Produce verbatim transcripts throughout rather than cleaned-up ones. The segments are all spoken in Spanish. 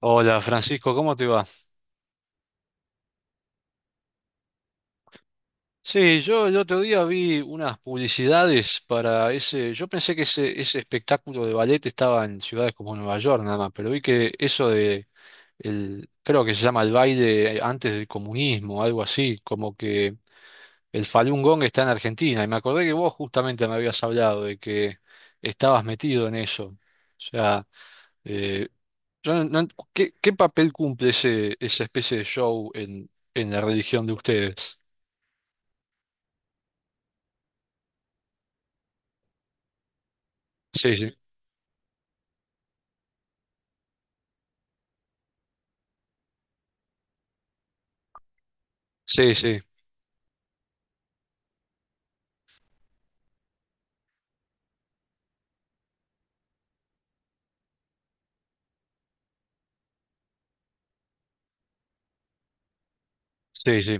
Hola Francisco, ¿cómo te va? Sí, yo el otro día vi unas publicidades para ese, yo pensé que ese, ese espectáculo de ballet estaba en ciudades como Nueva York nada más, pero vi que eso de, el, creo que se llama el baile antes del comunismo, algo así, como que el Falun Gong está en Argentina, y me acordé que vos justamente me habías hablado de que estabas metido en eso. O sea, eh, yo no- no- ¿qué, qué papel cumple ese, esa especie de show en, en la religión de ustedes? Sí, sí. Sí, sí, sí, sí,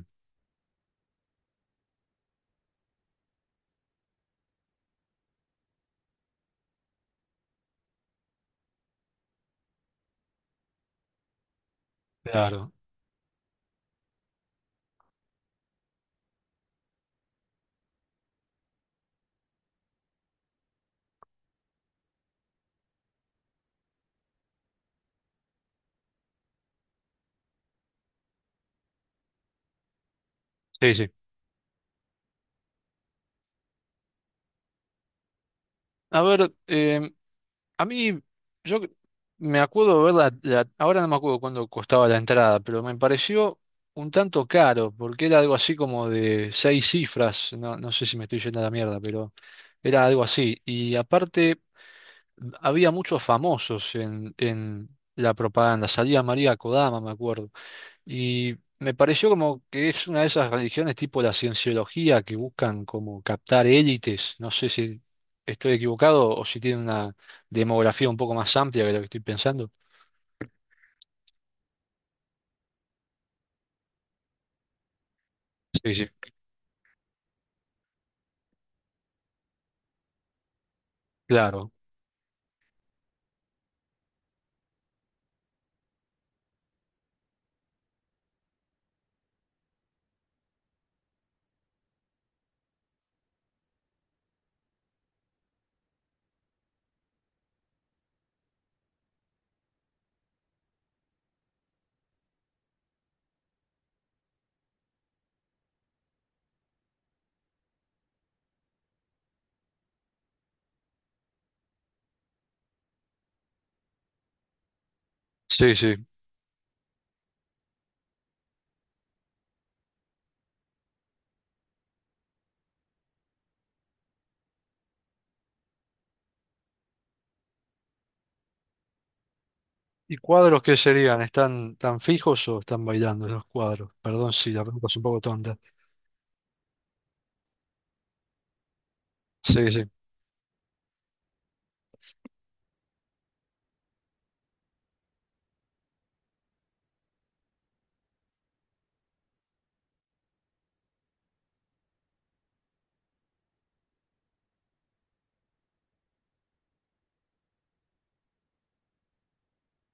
claro, sí, sí. A ver, eh, a mí, yo me acuerdo ver la, la- ahora no me acuerdo cuándo costaba la entrada, pero me pareció un tanto caro, porque era algo así como de seis cifras, no, no sé si me estoy yendo a la mierda, pero era algo así. Y aparte, había muchos famosos en, en la propaganda, salía María Kodama, me acuerdo. Y me pareció como que es una de esas religiones tipo la cienciología que buscan como captar élites. No sé si estoy equivocado o si tiene una demografía un poco más amplia que lo que estoy pensando. Sí, sí, claro. Sí, sí. ¿Y cuadros qué serían? ¿Están tan fijos o están bailando los cuadros? Perdón si la pregunta es un poco tonta. Sí, sí,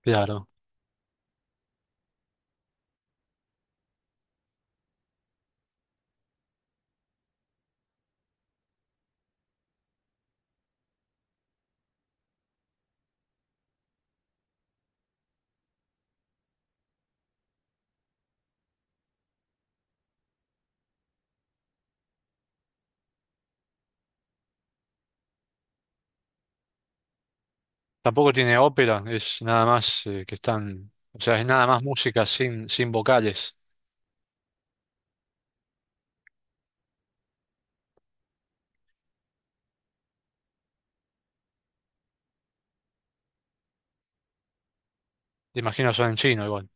claro. Tampoco tiene ópera, es nada más eh, que están, o sea, es nada más música sin, sin vocales. Imagino son en chino igual.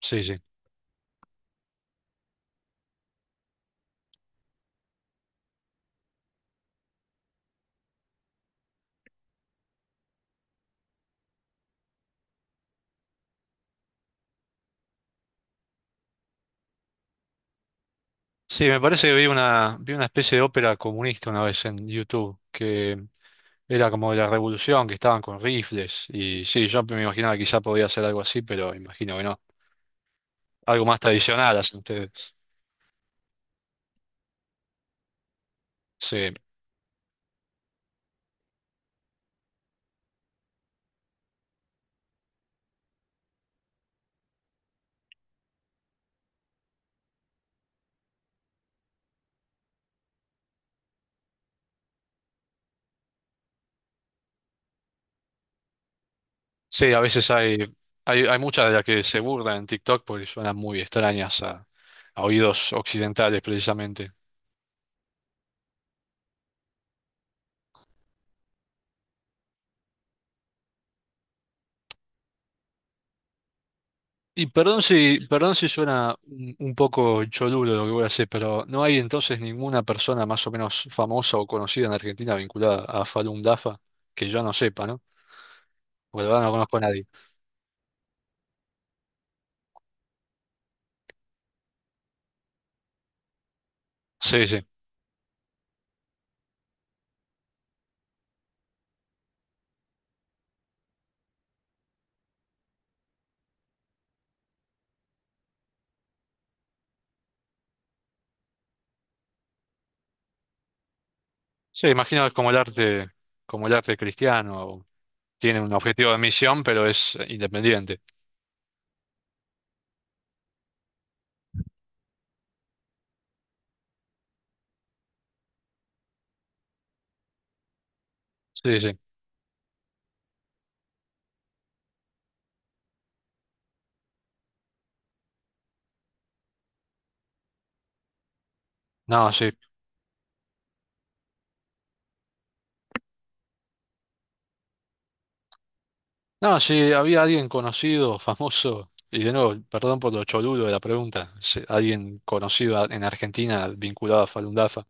Sí, sí. Sí, me parece que vi una, vi una especie de ópera comunista una vez en YouTube, que era como de la revolución, que estaban con rifles, y sí, yo me imaginaba que quizá podía hacer algo así, pero imagino que no. Algo más tradicional hacen ustedes. Sí, sí, a veces hay, hay, hay muchas de las que se burlan en TikTok porque suenan muy extrañas a, a oídos occidentales precisamente. Y perdón si, perdón si suena un, un poco cholulo lo que voy a hacer, pero ¿no hay entonces ninguna persona más o menos famosa o conocida en Argentina vinculada a Falun Dafa que yo no sepa, ¿no? Porque la verdad no conozco a nadie. Sí, sí. Sí, imagino que es como el arte, como el arte cristiano, o tiene un objetivo de misión, pero es independiente. Sí, sí. No, sí. No, sí, había alguien conocido, famoso, y de nuevo, perdón por lo cholulo de la pregunta, sí, alguien conocido a- en Argentina vinculado a Falun Dafa.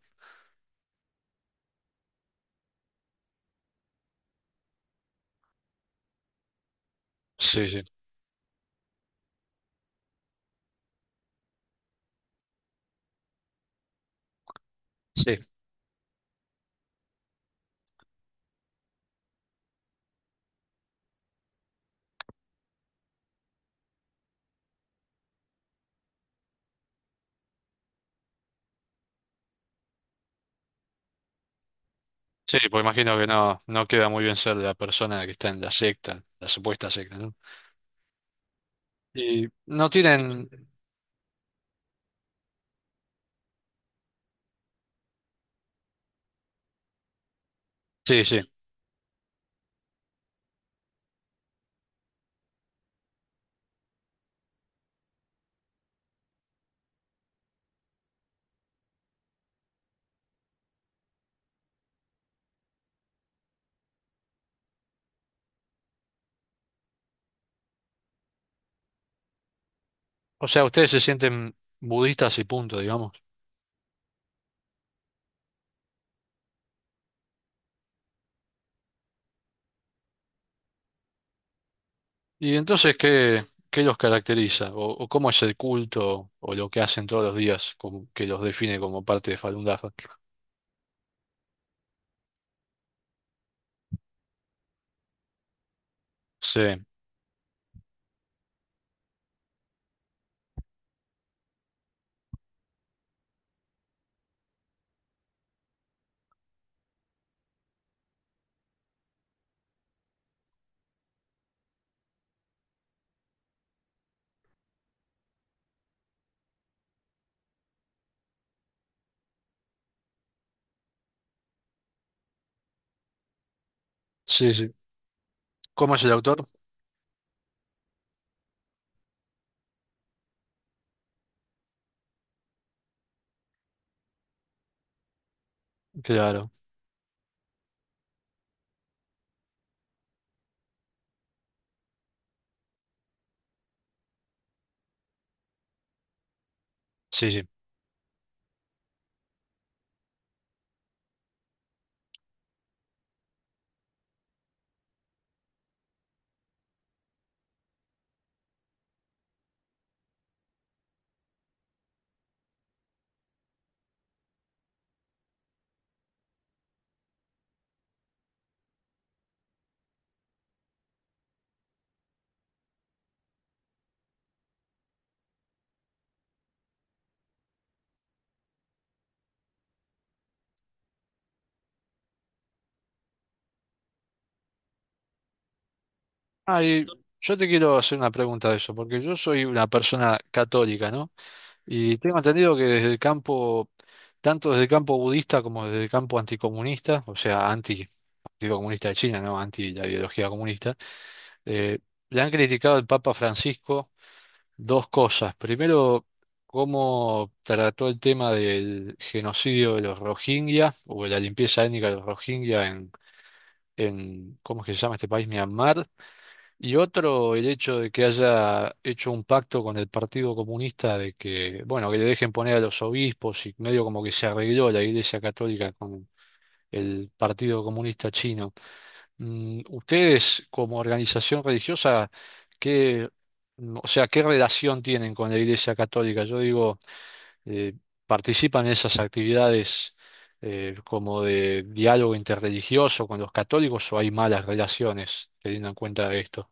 Sí, sí. Sí, sí, pues imagino que no, no queda muy bien ser la persona que está en la secta, la supuesta secta, ¿no? Y no tienen, sí, sí. O sea, ustedes se sienten budistas y punto, digamos. Y entonces, ¿qué, qué los caracteriza? ¿O, o cómo es el culto o lo que hacen todos los días como que los define como parte de Falun Dafa? Sí, sí, sí. ¿Cómo es el autor? Claro, sí, sí. Ah, y yo te quiero hacer una pregunta de eso, porque yo soy una persona católica, ¿no? Y tengo entendido que desde el campo, tanto desde el campo budista como desde el campo anticomunista, o sea, anti, Partido Comunista de China, ¿no? Anti la ideología comunista, eh, le han criticado al Papa Francisco dos cosas. Primero, cómo trató el tema del genocidio de los Rohingya o de la limpieza étnica de los Rohingya en, en ¿cómo es que se llama este país? Myanmar. Y otro, el hecho de que haya hecho un pacto con el Partido Comunista de que, bueno, que le dejen poner a los obispos y medio como que se arregló la Iglesia Católica con el Partido Comunista Chino. Mm, ustedes, como organización religiosa, ¿qué, mm, o sea, qué relación tienen con la Iglesia Católica? Yo digo, eh, ¿participan en esas actividades eh, como de diálogo interreligioso con los católicos o hay malas relaciones teniendo en cuenta esto?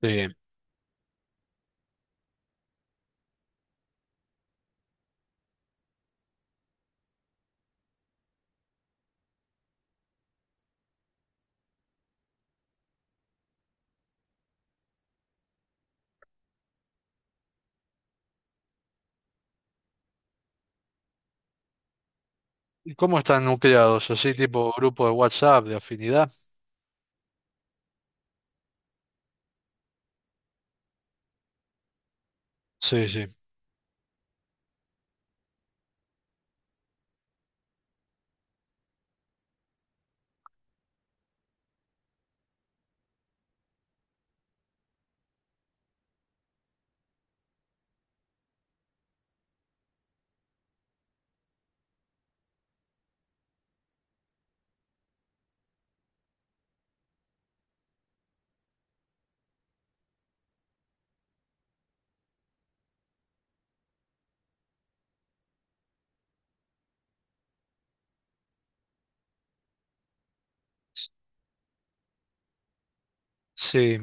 Sí. ¿Y cómo están nucleados? ¿Así tipo grupo de WhatsApp, de afinidad? Sí, sí. Sí.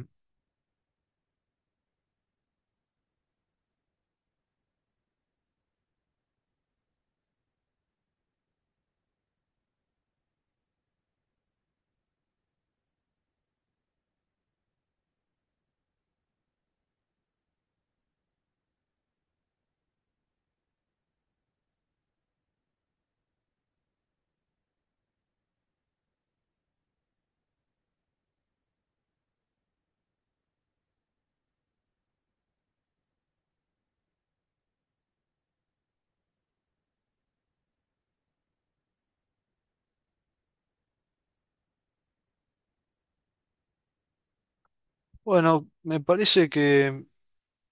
Bueno, me parece que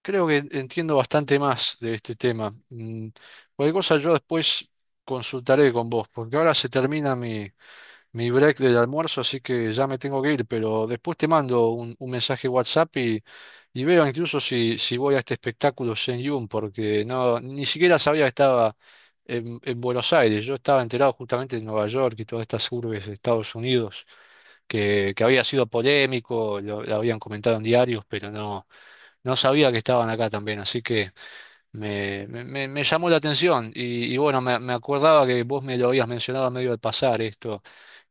creo que entiendo bastante más de este tema. Mm, cualquier cosa yo después consultaré con vos, porque ahora se termina mi mi break del almuerzo, así que ya me tengo que ir, pero después te mando un, un mensaje WhatsApp y, y veo incluso si, si voy a este espectáculo Shen Yun, porque no, ni siquiera sabía que estaba en, en Buenos Aires, yo estaba enterado justamente de Nueva York y todas estas urbes de Estados Unidos que, que había sido polémico, lo, lo habían comentado en diarios, pero no, no sabía que estaban acá también, así que me, me- me- me llamó la atención y, y bueno, me, me acordaba que vos me lo habías mencionado a medio de pasar esto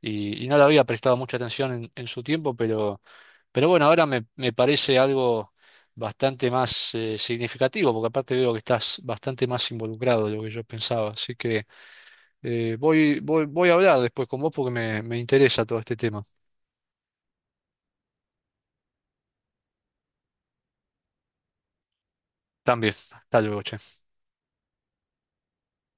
y, y no le había prestado mucha atención en, en su tiempo, pero, pero bueno, ahora me, me parece algo bastante más eh, significativo, porque aparte veo que estás bastante más involucrado de lo que yo pensaba, así que... Eh, voy, voy, voy a hablar después con vos porque me, me interesa todo este tema. También, hasta luego, che.